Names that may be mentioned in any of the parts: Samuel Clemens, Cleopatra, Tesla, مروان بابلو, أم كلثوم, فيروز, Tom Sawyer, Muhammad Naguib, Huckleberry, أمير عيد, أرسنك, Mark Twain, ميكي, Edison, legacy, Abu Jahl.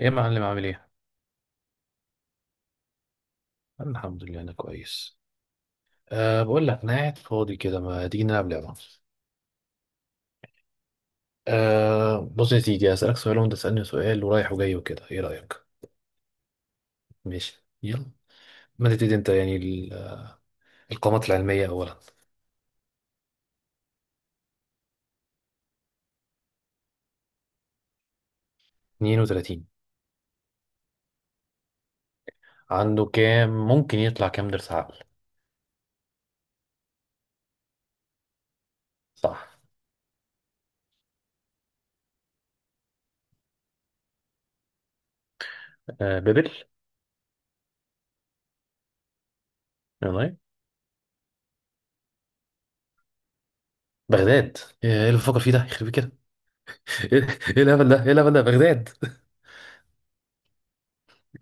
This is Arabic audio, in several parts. ايه يا معلم، عامل ايه؟ أنا الحمد لله انا كويس. بقول لك انا قاعد فاضي كده، ما تيجي نلعب لعبة؟ بص يا سيدي، هسألك سؤال وانت تسألني سؤال، ورايح وجاي وكده، ايه رأيك؟ ماشي يلا. ما تبتدي انت، يعني القامات العلمية اولا. 32. عنده كام ممكن يطلع كام ضرس عقل؟ صح. بابل. والله. بغداد. ايه اللي بفكر فيه ده، يخرب بيه كده. ايه. إيه الهبل ده، بغداد.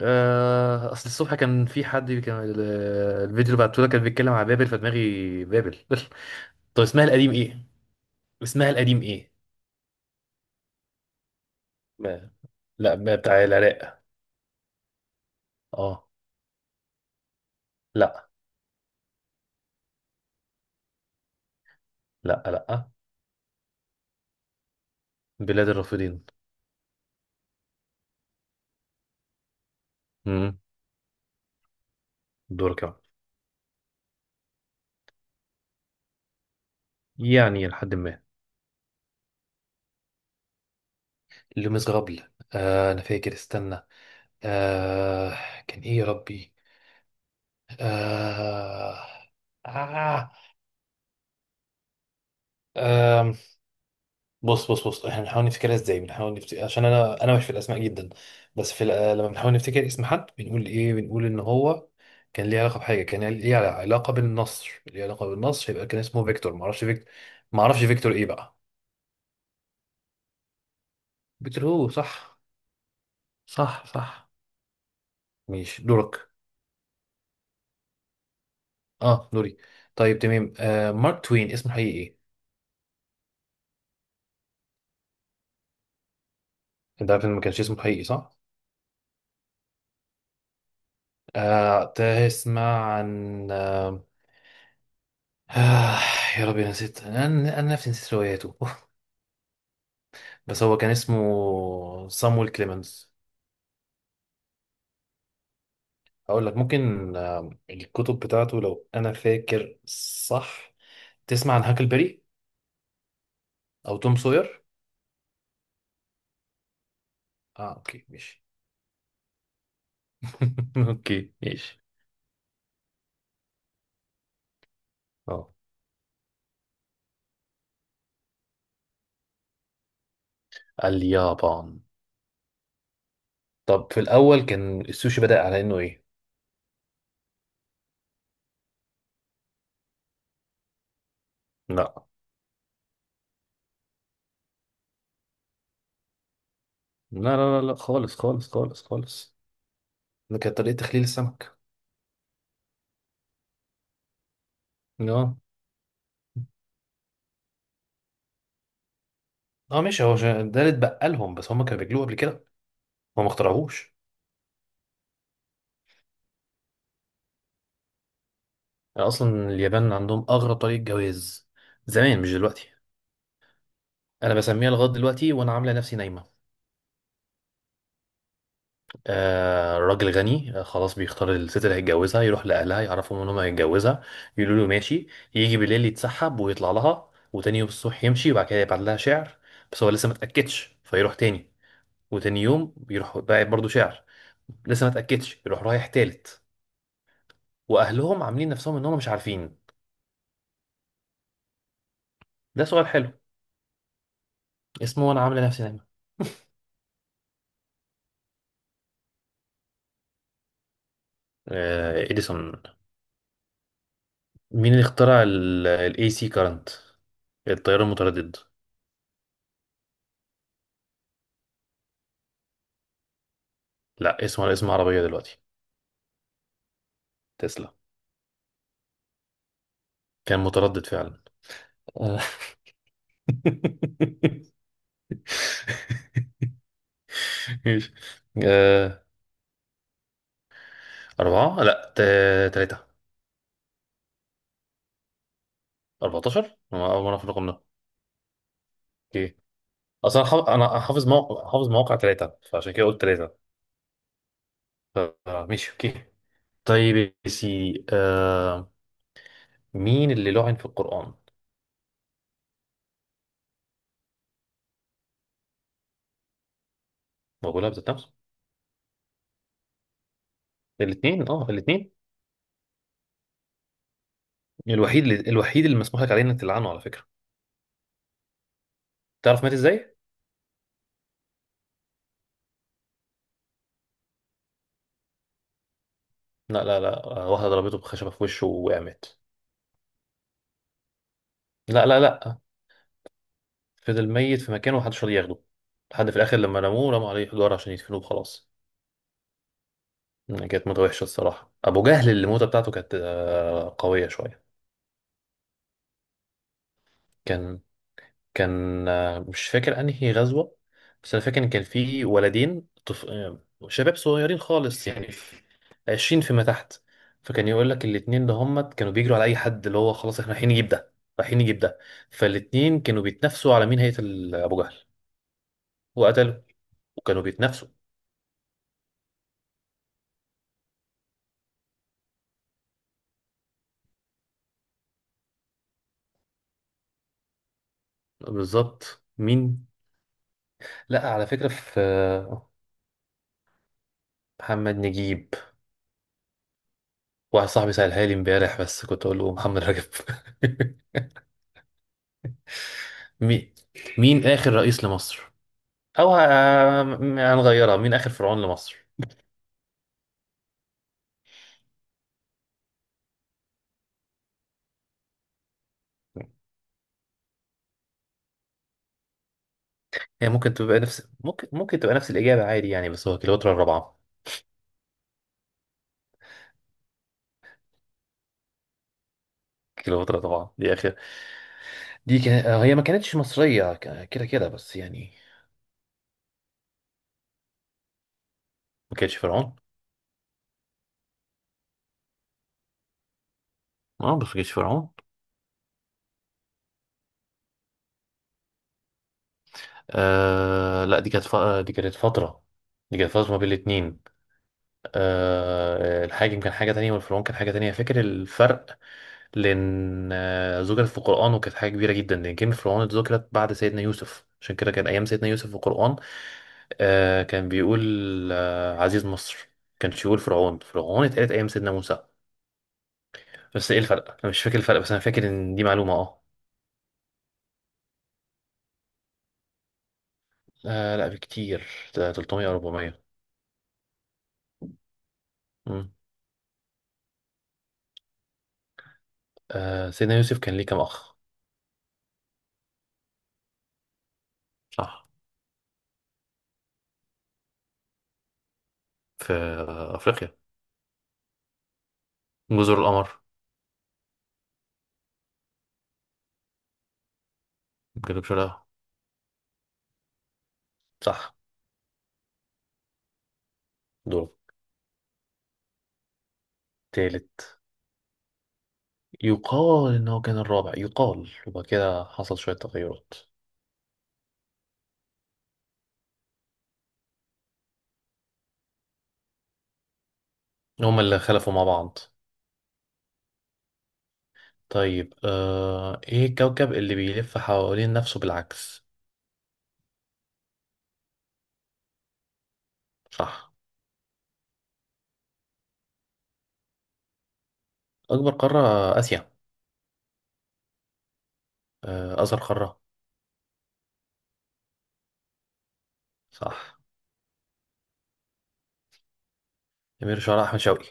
اصل الصبح كان في حد، كان الفيديو اللي بعته لك كان بيتكلم على بابل، فدماغي بابل. طب اسمها القديم ايه؟ اسمها القديم ايه ما. لا، ما بتاع العراق. اه. لا. لا لا. بلاد الرافدين. امم. دورك يا عم. يعني لحد ما. لمس غبل. انا فاكر، استنى. آه كان ايه يا ربي. آه آه آه بص بص بص، احنا بنحاول نفتكرها ازاي، بنحاول نفتكر، عشان انا مش في الاسماء جدا. بس في الأ-. لما بنحاول نفتكر اسم حد بنقول ايه؟ بنقول ان هو كان ليه علاقه بحاجه، كان ليه علاقه بالنصر، ليه علاقه بالنصر، يبقى كان اسمه فيكتور، ما اعرفش فيكتور. ما اعرفش فيكتور ايه بقى. فيكتور هو، صح. صح صح. ماشي، دورك. اه، دوري. طيب تمام، مارك توين اسمه الحقيقي ايه؟ انت عارف ان ما كانش اسمه الحقيقي، صح. آه تسمع عن. آه، يا ربي، نسيت انا. انا نفسي نسيت رواياته. بس هو كان اسمه صامويل كليمنز. هقول لك ممكن الكتب بتاعته لو انا فاكر. صح. تسمع عن هاكلبري. او توم سوير. اه اوكي ماشي. اوكي ماشي. اه، اليابان. طب في الاول كان السوشي بدأ على انه ايه؟ لا لا لا لا لا، خالص خالص خالص خالص. ده كانت طريقة تخليل السمك. اه. اه ماشي، هو عشان ده اللي اتبقى لهم، بس هم كانوا بياكلوه قبل كده. هو ما اخترعوش. يعني اصلا اليابان عندهم اغرب طريقه جواز. زمان، مش دلوقتي. انا بسميها لغايه دلوقتي وانا عامله نفسي نايمه. راجل غني خلاص بيختار الست اللي هيتجوزها، يروح لاهلها يعرفهم ان هم هيتجوزها. يقولوا له ماشي. يجي بالليل يتسحب ويطلع لها، وتاني يوم الصبح يمشي، وبعد كده يبعت لها شعر. بس هو لسه ما اتاكدش فيروح تاني. وتاني يوم بيروح باعت برضه شعر. لسه ما اتاكدش، يروح رايح تالت. واهلهم عاملين نفسهم ان هم مش عارفين. ده سؤال حلو. اسمه وانا عامله نفسي نايمه. اديسون. مين اللي اخترع ال AC current، التيار المتردد. لا، اسمه على اسم عربية دلوقتي. تسلا. كان متردد فعلا. آه. ماشي آه، أربعة، لا تلاتة. 14، أنا أول مرة في الرقم ده. أوكي. أصلا حافظ، أنا حافظ موقع، حافظ مواقع 3، فعشان كده قلت تلاتة. ماشي، أوكي. طيب يا سيدي، مين اللي لعن في القرآن؟ موجودة بذات نفسه؟ الاثنين، الوحيد اللي مسموح لك عليه انك تلعنه، على فكرة. تعرف مات ازاي؟ لا لا لا، واحدة ضربته بخشبة في وشه وقامت. لا لا لا. فضل ميت في مكانه، ومحدش راضي ياخده. لحد في الآخر، لما رموه رموا عليه حجارة عشان يدفنوه وخلاص. كانت موتة وحشة الصراحة. أبو جهل اللي الموتة بتاعته كانت قوية شوية. كان كان مش فاكر انهي غزوة. بس انا فاكر ان كان في ولدين طف... آه، شباب صغيرين خالص، يعني 20 فيما تحت. فكان يقول لك الاتنين ده، هم كانوا بيجروا على اي حد اللي هو خلاص احنا رايحين نجيب ده. رايحين نجيب ده. فالاتنين كانوا بيتنافسوا على مين هيقتل ابو جهل. وقتلوا. وكانوا بيتنافسوا. بالظبط، مين. لا على فكرة في، محمد نجيب. واحد صاحبي سألها لي امبارح، بس كنت اقول له محمد رجب. مين. مين اخر رئيس لمصر، او هنغيرها، مين اخر فرعون لمصر. هي ممكن تبقى نفس، ممكن تبقى نفس الاجابه عادي يعني، بس هو كليوباترا الرابعه. كليوباترا طبعا، دي اخر. دي كان... آه، هي ما كانتش مصريه، كده كده بس يعني. ما كانتش فرعون. اه، بس ما كانتش فرعون. لا، دي كانت فتره دي كانت فتره ما بين الاتنين. الحاجم كان حاجة تانية، والفرعون كان حاجة تانية، فاكر الفرق. لأن ذكرت في القرآن، وكانت حاجة كبيرة جدا، لأن كلمة فرعون اتذكرت بعد سيدنا يوسف، عشان كده كان أيام سيدنا يوسف في القرآن. كان بيقول عزيز مصر، كانش يقول فرعون. فرعون اتقالت أيام سيدنا موسى. بس إيه الفرق؟ أنا مش فاكر الفرق، بس أنا فاكر إن دي معلومة. لا، بكتير. ده 300 أو 400. مم. سيدنا يوسف كان ليه كام أخ؟ صح. في أفريقيا. جزر القمر. جنوب شرق. صح. دور. تالت. يقال إن هو كان الرابع، يقال، وبعد كده حصل شوية تغيرات. هما اللي خلفوا مع بعض. طيب إيه الكوكب اللي بيلف حوالين نفسه بالعكس؟ صح. أكبر قارة. آسيا. أصغر قارة. صح. أمير شعراء أحمد شوقي.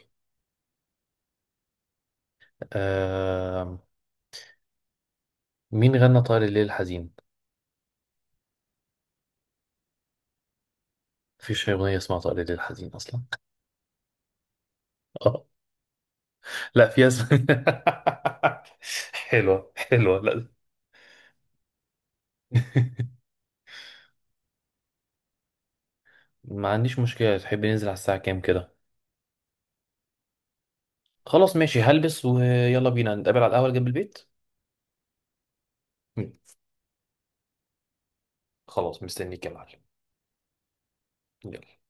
آه. مين غنى طائر الليل الحزين؟ مفيش أغنية اسمها طائر الليل الحزين أصلا. آه لا، في اسم. حلوة حلوة، لا. ما عنديش مشكلة، تحب ننزل على الساعة كام كده؟ خلاص ماشي، هلبس ويلا بينا نتقابل على القهوة اللي جنب البيت. مم. خلاص، مستنيك يا معلم. يلا.